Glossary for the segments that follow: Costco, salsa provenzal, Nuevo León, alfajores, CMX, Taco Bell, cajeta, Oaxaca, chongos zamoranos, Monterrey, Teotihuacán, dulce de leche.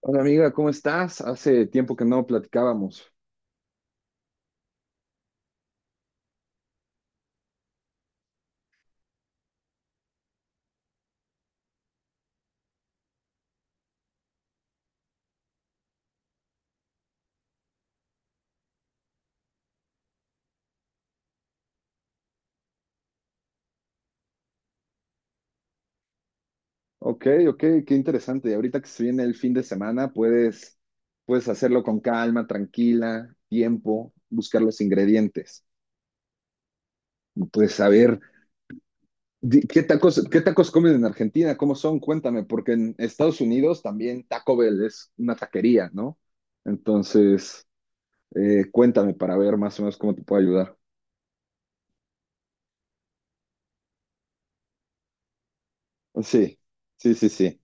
Hola amiga, ¿cómo estás? Hace tiempo que no platicábamos. Ok, ok, qué interesante. Y ahorita que se viene el fin de semana, puedes hacerlo con calma, tranquila, tiempo, buscar los ingredientes. Pues a ver, qué tacos comen en Argentina? ¿Cómo son? Cuéntame, porque en Estados Unidos también Taco Bell es una taquería, ¿no? Entonces, cuéntame para ver más o menos cómo te puedo ayudar. Sí, sí, sí, sí.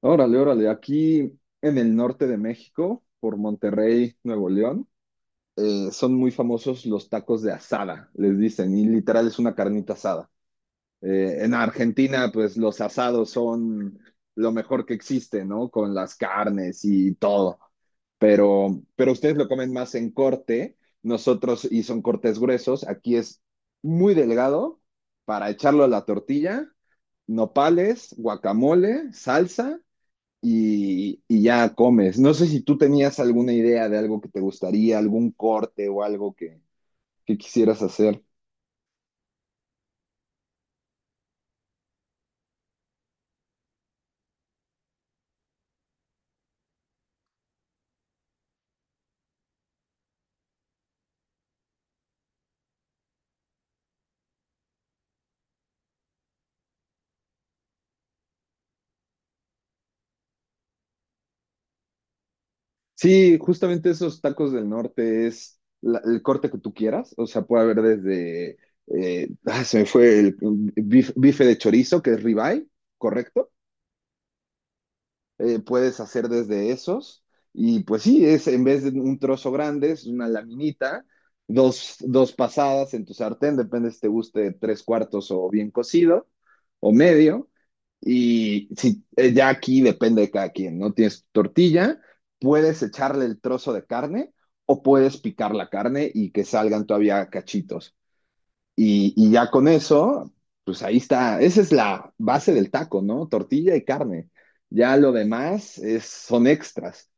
Órale, órale. Aquí en el norte de México, por Monterrey, Nuevo León, son muy famosos los tacos de asada, les dicen, y literal es una carnita asada. En Argentina, pues los asados son lo mejor que existe, ¿no? Con las carnes y todo. Pero ustedes lo comen más en corte, nosotros, y son cortes gruesos, aquí es muy delgado para echarlo a la tortilla, nopales, guacamole, salsa y ya comes. No sé si tú tenías alguna idea de algo que te gustaría, algún corte o algo que quisieras hacer. Sí, justamente esos tacos del norte es el corte que tú quieras. O sea, puede haber desde se me fue el bife de chorizo, que es ribeye, ¿correcto? Eh, puedes hacer desde esos. Y pues sí, es en vez de un trozo grande, es una laminita, dos pasadas en tu sartén, depende si te guste tres cuartos o bien cocido o medio. Y si, ya aquí depende de cada quien, ¿no? Tienes tu tortilla, puedes echarle el trozo de carne o puedes picar la carne y que salgan todavía cachitos. Y ya con eso, pues ahí está. Esa es la base del taco, ¿no? Tortilla y carne. Ya lo demás es, son extras.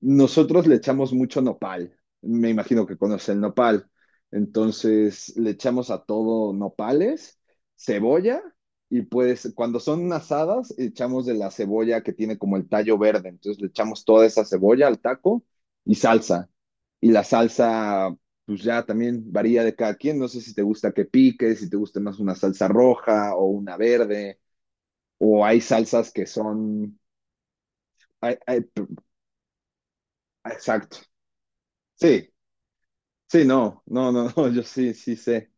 Nosotros le echamos mucho nopal. Me imagino que conoce el nopal. Entonces le echamos a todo nopales, cebolla y pues cuando son asadas echamos de la cebolla que tiene como el tallo verde. Entonces le echamos toda esa cebolla al taco y salsa. Y la salsa, pues ya también varía de cada quien. No sé si te gusta que pique, si te gusta más una salsa roja o una verde, o hay salsas que son... ay, ay, p- exacto. Sí, sí, no, no, no, no, yo sí, sí sé.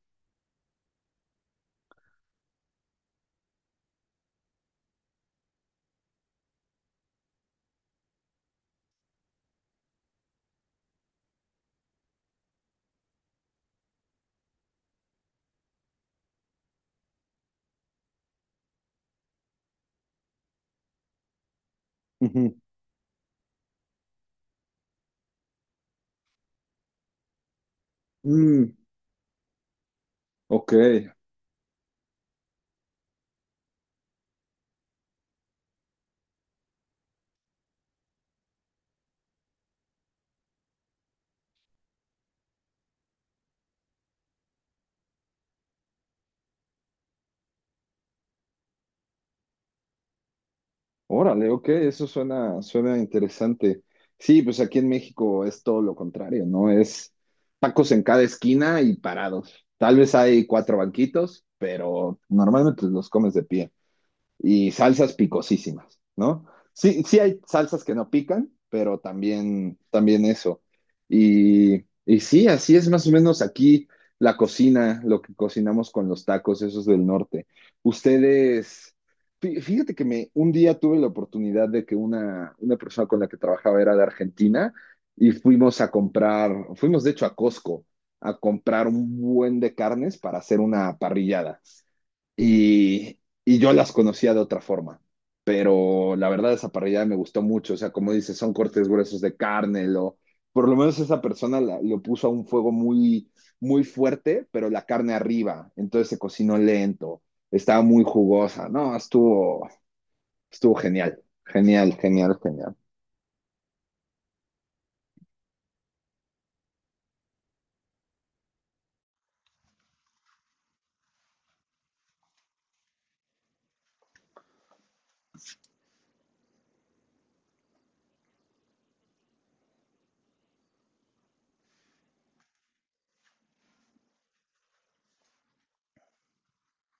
Ujú. Mm, ok, órale, ok, eso suena, suena interesante. Sí, pues aquí en México es todo lo contrario, ¿no? Es tacos en cada esquina y parados. Tal vez hay cuatro banquitos, pero normalmente los comes de pie. Y salsas picosísimas, ¿no? Sí, sí hay salsas que no pican, pero también, también eso. Y sí, así es más o menos aquí la cocina, lo que cocinamos con los tacos, esos del norte. Ustedes, fíjate que me, un día tuve la oportunidad de que una persona con la que trabajaba era de Argentina y fuimos a comprar, fuimos de hecho a Costco a comprar un buen de carnes para hacer una parrillada y, y yo las conocía de otra forma. Pero la verdad, esa parrillada me gustó mucho. O sea, como dices, son cortes gruesos de carne, por lo menos esa persona lo puso a un fuego muy fuerte, pero la carne arriba. Entonces se cocinó lento, estaba muy jugosa. No, estuvo, estuvo genial. Genial, genial, genial.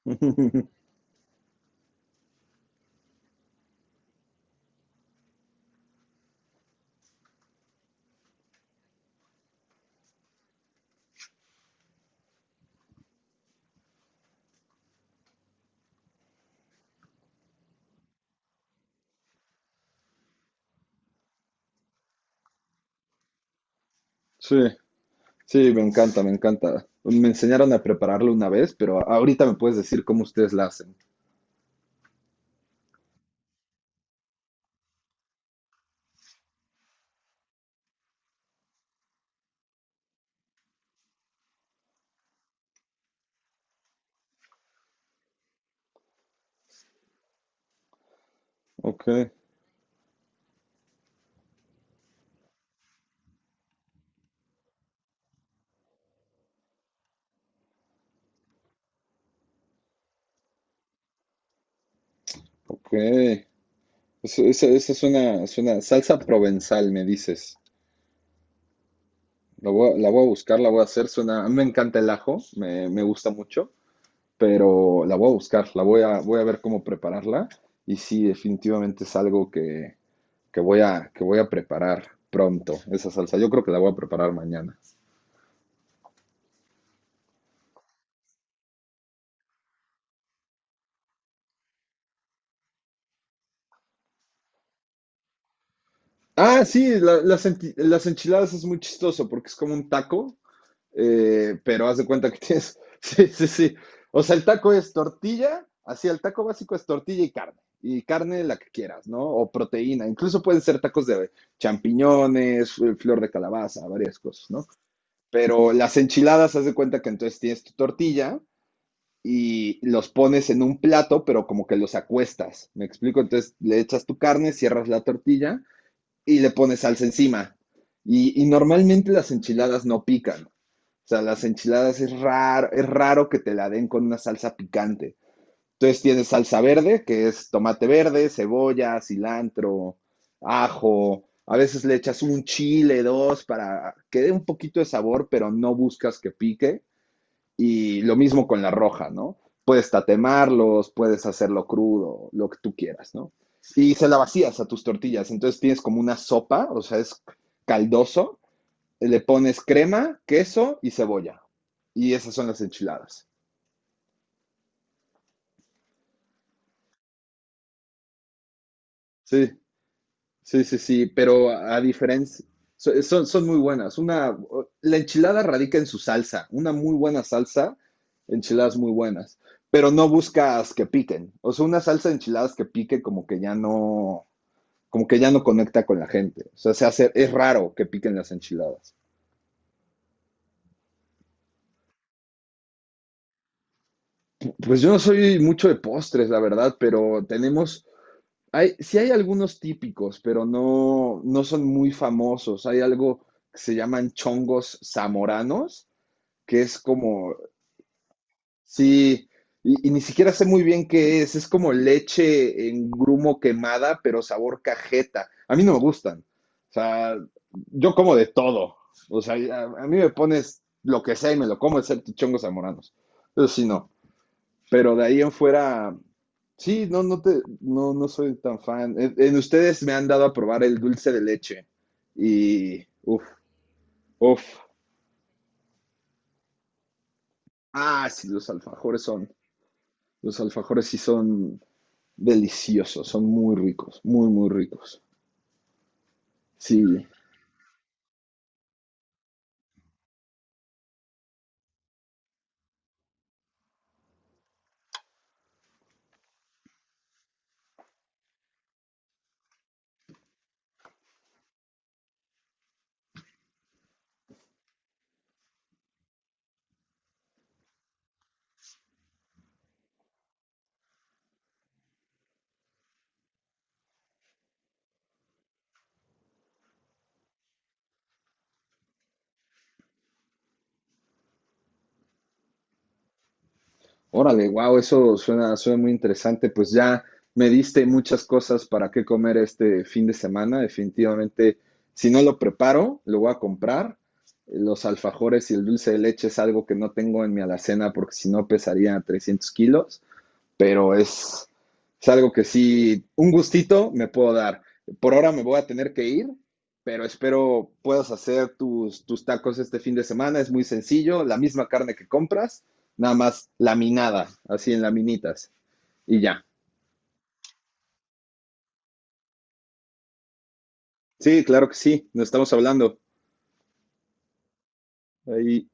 Sí, sí, me encanta, me encanta. Me enseñaron a prepararlo una vez, pero ahorita me puedes decir cómo ustedes la hacen. Ok, ok. Eso suena, suena salsa provenzal, me dices. La voy a buscar, la voy a hacer. Suena, a mí me encanta el ajo, me gusta mucho, pero la voy a buscar, voy a ver cómo prepararla. Y sí, definitivamente es algo que voy a preparar pronto, esa salsa. Yo creo que la voy a preparar mañana. Ah, sí, las enchiladas es muy chistoso porque es como un taco, pero haz de cuenta que tienes, sí, sí, sí. O sea, el taco es tortilla, así el taco básico es tortilla y carne la que quieras, ¿no? O proteína, incluso pueden ser tacos de champiñones, flor de calabaza, varias cosas, ¿no? Pero las enchiladas, haz de cuenta que entonces tienes tu tortilla y los pones en un plato, pero como que los acuestas, ¿me explico? Entonces le echas tu carne, cierras la tortilla y le pones salsa encima. Y normalmente las enchiladas no pican. O sea, las enchiladas es raro que te la den con una salsa picante. Entonces tienes salsa verde, que es tomate verde, cebolla, cilantro, ajo. A veces le echas un chile, dos, para que dé un poquito de sabor, pero no buscas que pique. Y lo mismo con la roja, ¿no? Puedes tatemarlos, puedes hacerlo crudo, lo que tú quieras, ¿no? Y se la vacías a tus tortillas, entonces tienes como una sopa, o sea, es caldoso, le pones crema, queso y cebolla. Y esas son las enchiladas. Sí. Sí, sí, sí, pero a, diferencia, son, son muy buenas. Una, la enchilada radica en su salsa, una muy buena salsa, enchiladas muy buenas, pero no buscas que piquen. O sea, una salsa de enchiladas que pique como que ya no, como que ya no conecta con la gente. O sea, se hace, es raro que piquen las enchiladas. Pues yo no soy mucho de postres, la verdad, pero tenemos, hay, sí hay algunos típicos, pero no, no son muy famosos. Hay algo que se llaman chongos zamoranos que es como, sí, ni siquiera sé muy bien qué es como leche en grumo quemada, pero sabor cajeta. A mí no me gustan. O sea, yo como de todo. O sea, a mí me pones lo que sea y me lo como, excepto chongos zamoranos. Eso sí, no. Pero de ahí en fuera, sí, no, no soy tan fan. En ustedes me han dado a probar el dulce de leche. Uff, uff. Ah, sí, los alfajores son. Los alfajores sí son deliciosos, son muy ricos, muy, muy ricos. Sí, órale, wow, eso suena, suena muy interesante. Pues ya me diste muchas cosas para qué comer este fin de semana. Definitivamente, si no lo preparo, lo voy a comprar. Los alfajores y el dulce de leche es algo que no tengo en mi alacena porque si no pesaría 300 kilos. Pero es algo que sí, un gustito me puedo dar. Por ahora me voy a tener que ir, pero espero puedas hacer tus, tus tacos este fin de semana. Es muy sencillo, la misma carne que compras, nada más laminada, así en laminitas y ya. Sí, claro que sí, nos estamos hablando. Ahí.